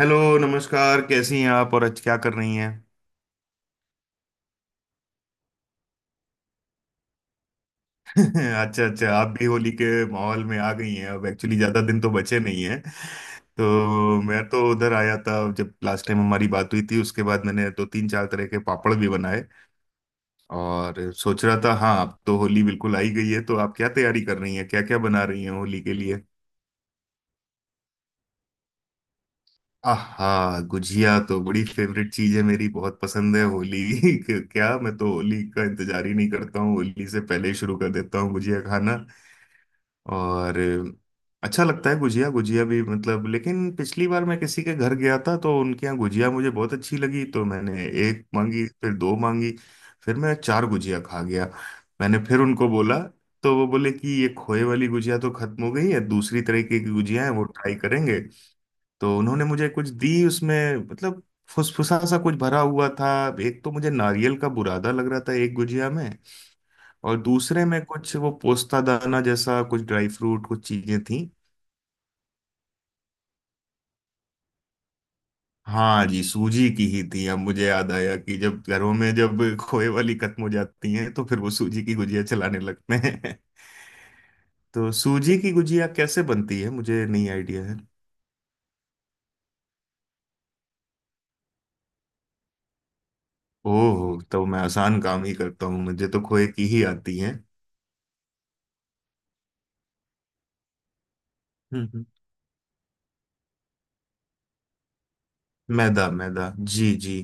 Hello नमस्कार, कैसी हैं आप? और अच्छा क्या कर रही हैं? अच्छा अच्छा, आप भी होली के माहौल में आ गई हैं। अब एक्चुअली ज़्यादा दिन तो बचे नहीं हैं। तो मैं तो उधर आया था जब लास्ट टाइम हमारी बात हुई थी, उसके बाद मैंने दो तीन चार तरह के पापड़ भी बनाए और सोच रहा था। हाँ, अब तो होली बिल्कुल आई गई है, तो आप क्या तैयारी कर रही हैं, क्या क्या बना रही हैं होली के लिए? आहा, गुजिया तो बड़ी फेवरेट चीज है मेरी, बहुत पसंद है होली। क्या! मैं तो होली का इंतजार ही नहीं करता हूँ, होली से पहले ही शुरू कर देता हूँ गुजिया खाना। और अच्छा लगता है गुजिया। गुजिया भी मतलब, लेकिन पिछली बार मैं किसी के घर गया था तो उनके यहाँ गुजिया मुझे बहुत अच्छी लगी, तो मैंने एक मांगी, फिर दो मांगी, फिर मैं चार गुजिया खा गया। मैंने फिर उनको बोला, तो वो बोले कि ये खोए वाली गुजिया तो खत्म हो गई है, दूसरी तरीके की गुजिया है वो ट्राई करेंगे। तो उन्होंने मुझे कुछ दी, उसमें मतलब फुसफुसा सा कुछ भरा हुआ था। एक तो मुझे नारियल का बुरादा लग रहा था एक गुजिया में, और दूसरे में कुछ वो पोस्ता दाना जैसा कुछ ड्राई फ्रूट कुछ चीजें थी। हाँ जी, सूजी की ही थी। अब मुझे याद आया कि जब घरों में जब खोए वाली खत्म हो जाती हैं तो फिर वो सूजी की गुजिया चलाने लगते हैं। तो सूजी की गुजिया कैसे बनती है मुझे नहीं आइडिया है। ओह, तो मैं आसान काम ही करता हूँ, मुझे तो खोए की ही आती है। हम्म हम्म। मैदा मैदा, जी जी।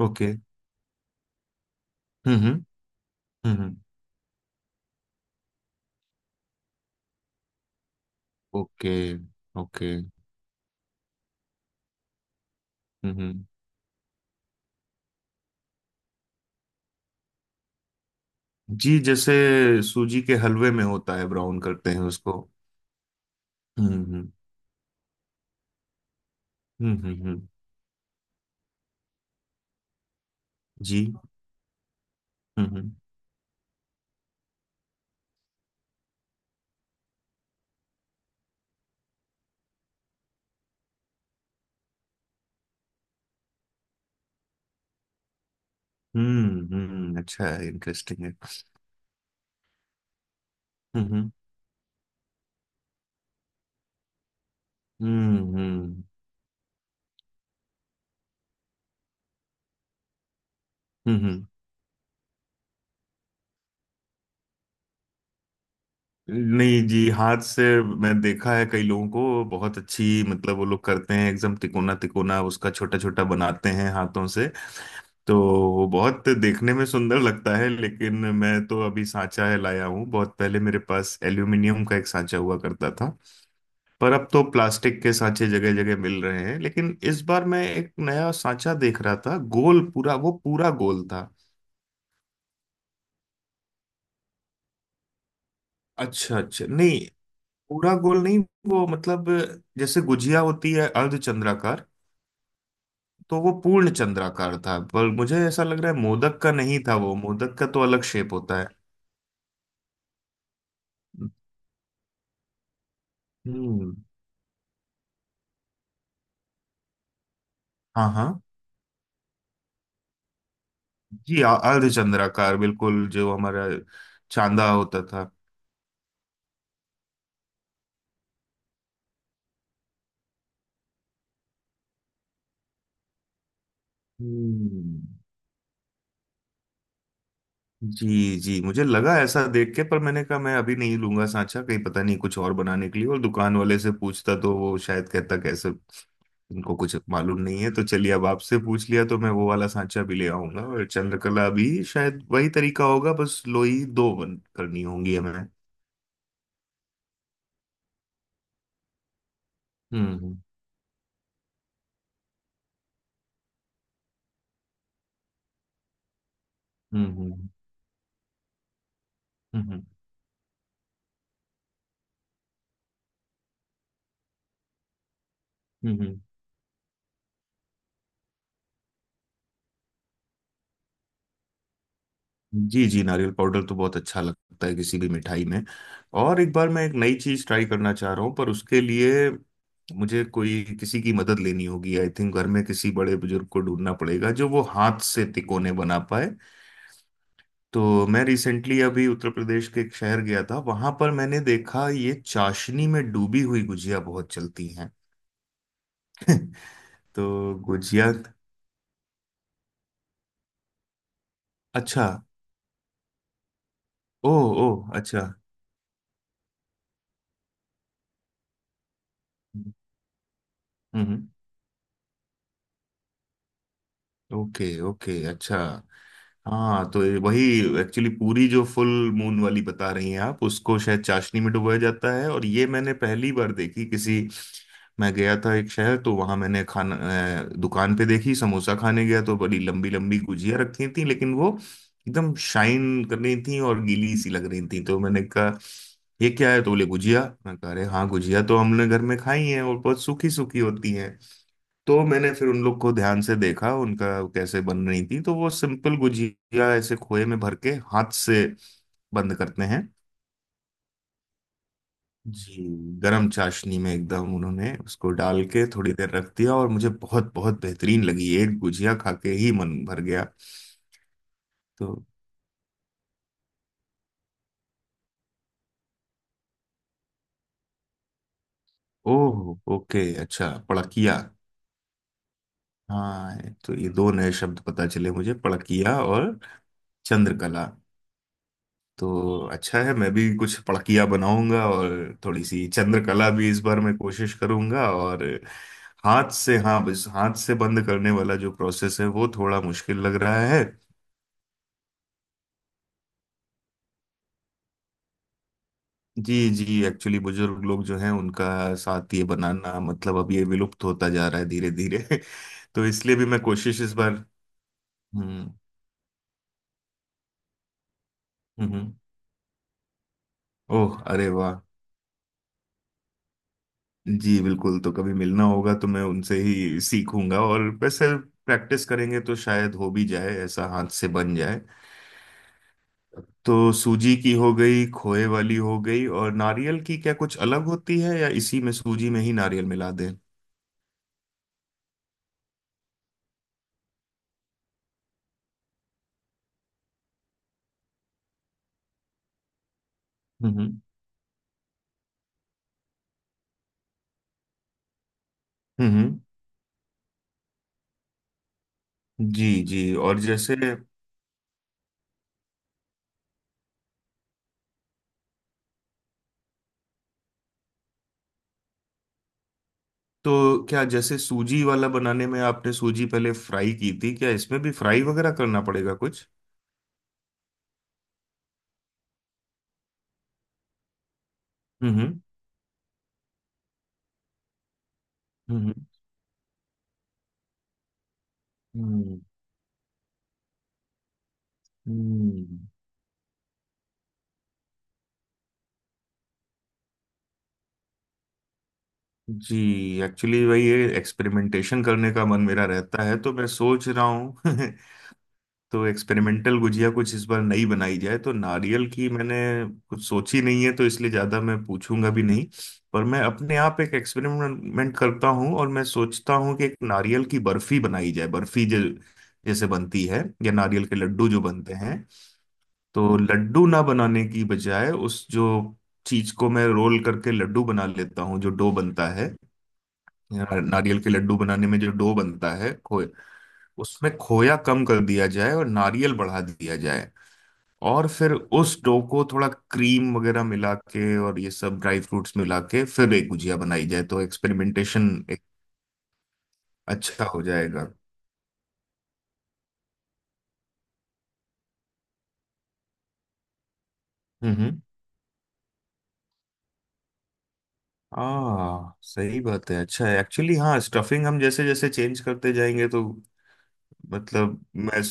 ओके। हम्म। हम्म हम्म। ओके ओके, okay, okay, जी। जैसे सूजी के हलवे में होता है, ब्राउन करते हैं उसको। हम्म। हम्म हम्म हम्म, जी। हम्म। अच्छा है, इंटरेस्टिंग है। हम्म हम्म। हम्म। नहीं जी, हाथ से मैं देखा है कई लोगों को बहुत अच्छी, मतलब वो लोग करते हैं एकदम तिकोना तिकोना उसका, छोटा छोटा बनाते हैं हाथों से। तो वो बहुत देखने में सुंदर लगता है, लेकिन मैं तो अभी सांचा है लाया हूँ। बहुत पहले मेरे पास एल्यूमिनियम का एक सांचा हुआ करता था, पर अब तो प्लास्टिक के सांचे जगह जगह मिल रहे हैं। लेकिन इस बार मैं एक नया सांचा देख रहा था, गोल पूरा, वो पूरा गोल था। अच्छा अच्छा, नहीं पूरा गोल नहीं। वो मतलब जैसे गुजिया होती है अर्ध चंद्राकार, तो वो पूर्ण चंद्राकार था। पर मुझे ऐसा लग रहा है मोदक का नहीं था वो, मोदक का तो अलग शेप होता है। हम्म। हाँ हाँ, जी अर्ध चंद्राकार बिल्कुल, जो हमारा चांदा होता था। हम्म। जी जी, मुझे लगा ऐसा देख के, पर मैंने कहा मैं अभी नहीं लूंगा सांचा, कहीं पता नहीं कुछ और बनाने के लिए, और दुकान वाले से पूछता तो वो शायद कहता, कैसे इनको कुछ मालूम नहीं है। तो चलिए, अब आपसे पूछ लिया, तो मैं वो वाला सांचा भी ले आऊंगा और चंद्रकला भी। शायद वही तरीका होगा, बस लोई दो बन करनी होंगी हमें। हम्म हम्म। हम्म। हम्म, हम्म, जी जी, नारियल पाउडर तो बहुत अच्छा लगता है किसी भी मिठाई में। और एक बार मैं एक नई चीज ट्राई करना चाह रहा हूँ, पर उसके लिए मुझे कोई किसी की मदद लेनी होगी। आई थिंक घर में किसी बड़े बुजुर्ग को ढूंढना पड़ेगा जो वो हाथ से तिकोने बना पाए। तो मैं रिसेंटली अभी उत्तर प्रदेश के एक शहर गया था, वहां पर मैंने देखा ये चाशनी में डूबी हुई गुजिया बहुत चलती हैं। तो गुजिया। अच्छा। ओ। ओ। अच्छा। हम्म हम्म, ओके ओके, अच्छा। हाँ, तो ये वही एक्चुअली पूरी जो फुल मून वाली बता रही हैं आप, उसको शायद चाशनी में डुबाया जाता है। और ये मैंने पहली बार देखी किसी। मैं गया था एक शहर, तो वहां मैंने खाना दुकान पे देखी, समोसा खाने गया तो बड़ी लंबी लंबी गुजिया रखी थी, लेकिन वो एकदम शाइन कर रही थी और गीली सी लग रही थी। तो मैंने कहा ये क्या है, तो बोले गुजिया। मैं कह रहे हाँ, गुजिया तो हमने घर में खाई है और बहुत सूखी सूखी होती है। तो मैंने फिर उन लोग को ध्यान से देखा उनका, कैसे बन रही थी, तो वो सिंपल गुजिया ऐसे खोए में भर के हाथ से बंद करते हैं। जी। गरम चाशनी में एकदम उन्होंने उसको डाल के थोड़ी देर रख दिया और मुझे बहुत बहुत बेहतरीन लगी, एक गुजिया खा के ही मन भर गया। तो ओह ओके, अच्छा, पड़किया। हाँ, तो ये दो नए शब्द पता चले मुझे, पड़किया और चंद्रकला। तो अच्छा है, मैं भी कुछ पड़कियाँ बनाऊंगा और थोड़ी सी चंद्रकला भी इस बार मैं कोशिश करूंगा। और हाथ से, हाँ, बस हाथ से बंद करने वाला जो प्रोसेस है वो थोड़ा मुश्किल लग रहा है। जी जी, एक्चुअली बुजुर्ग लोग जो हैं उनका साथ ये बनाना मतलब अब ये विलुप्त होता जा रहा है धीरे धीरे। तो इसलिए भी मैं कोशिश इस बार। हम्म हम्म। हम्म। ओह अरे वाह, जी बिल्कुल, तो कभी मिलना होगा तो मैं उनसे ही सीखूंगा। और वैसे प्रैक्टिस करेंगे तो शायद हो भी जाए, ऐसा हाथ से बन जाए। तो सूजी की हो गई, खोए वाली हो गई, और नारियल की क्या कुछ अलग होती है या इसी में सूजी में ही नारियल मिला दें? हम्म हम्म, जी जी, और जैसे। तो क्या जैसे सूजी वाला बनाने में आपने सूजी पहले फ्राई की थी, क्या इसमें भी फ्राई वगैरह करना पड़ेगा कुछ? हम्म हम्म। हम्म हम्म। जी एक्चुअली वही है, एक्सपेरिमेंटेशन करने का मन मेरा रहता है तो मैं सोच रहा हूँ। तो एक्सपेरिमेंटल गुजिया कुछ इस बार नई बनाई जाए, तो नारियल की मैंने कुछ सोची नहीं है तो इसलिए ज़्यादा मैं पूछूंगा भी नहीं। पर मैं अपने आप एक एक्सपेरिमेंट करता हूँ और मैं सोचता हूँ कि एक नारियल की बर्फी बनाई जाए, बर्फी जो जैसे बनती है, या नारियल के लड्डू जो बनते हैं, तो लड्डू ना बनाने की बजाय उस जो चीज को मैं रोल करके लड्डू बना लेता हूँ जो डो बनता है, या नारियल के लड्डू बनाने में जो डो बनता है खोए, उसमें खोया कम कर दिया जाए और नारियल बढ़ा दिया जाए, और फिर उस डो को थोड़ा क्रीम वगैरह मिला के और ये सब ड्राई फ्रूट्स मिला के फिर एक गुजिया बनाई जाए तो एक्सपेरिमेंटेशन एक। अच्छा हो जाएगा। हम्म, आ सही बात है, अच्छा है एक्चुअली। हाँ, स्टफिंग हम जैसे जैसे चेंज करते जाएंगे तो मतलब मैं।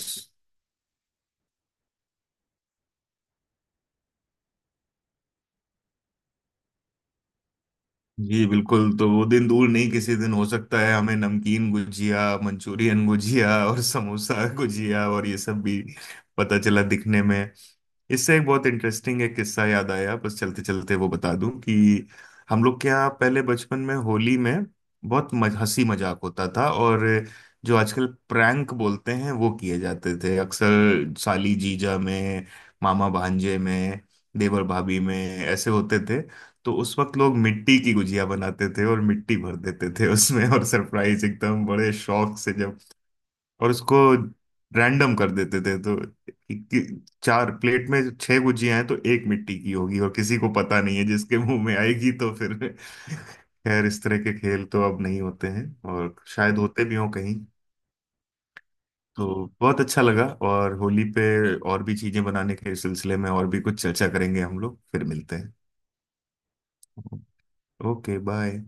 जी बिल्कुल, तो वो दिन दूर नहीं, किसी दिन हो सकता है हमें नमकीन गुजिया, मंचूरियन गुजिया और समोसा गुजिया और ये सब भी पता चला दिखने में। इससे एक बहुत इंटरेस्टिंग एक किस्सा याद आया, बस चलते चलते वो बता दूं कि हम लोग के यहाँ पहले बचपन में होली में बहुत हंसी मजाक होता था। और जो आजकल प्रैंक बोलते हैं वो किए जाते थे अक्सर, साली जीजा में, मामा भांजे में, देवर भाभी में, ऐसे होते थे। तो उस वक्त लोग मिट्टी की गुजिया बनाते थे और मिट्टी भर देते थे उसमें, और सरप्राइज एकदम बड़े शौक से, और उसको रैंडम कर देते थे। तो इक्की- चार प्लेट में छह गुजियां हैं तो एक मिट्टी की होगी और किसी को पता नहीं है, जिसके मुंह में आएगी तो फिर। खैर इस तरह के खेल तो अब नहीं होते हैं, और शायद होते भी हों कहीं। तो बहुत अच्छा लगा, और होली पे और भी चीजें बनाने के सिलसिले में और भी कुछ चर्चा करेंगे, हम लोग फिर मिलते हैं। Okay bye.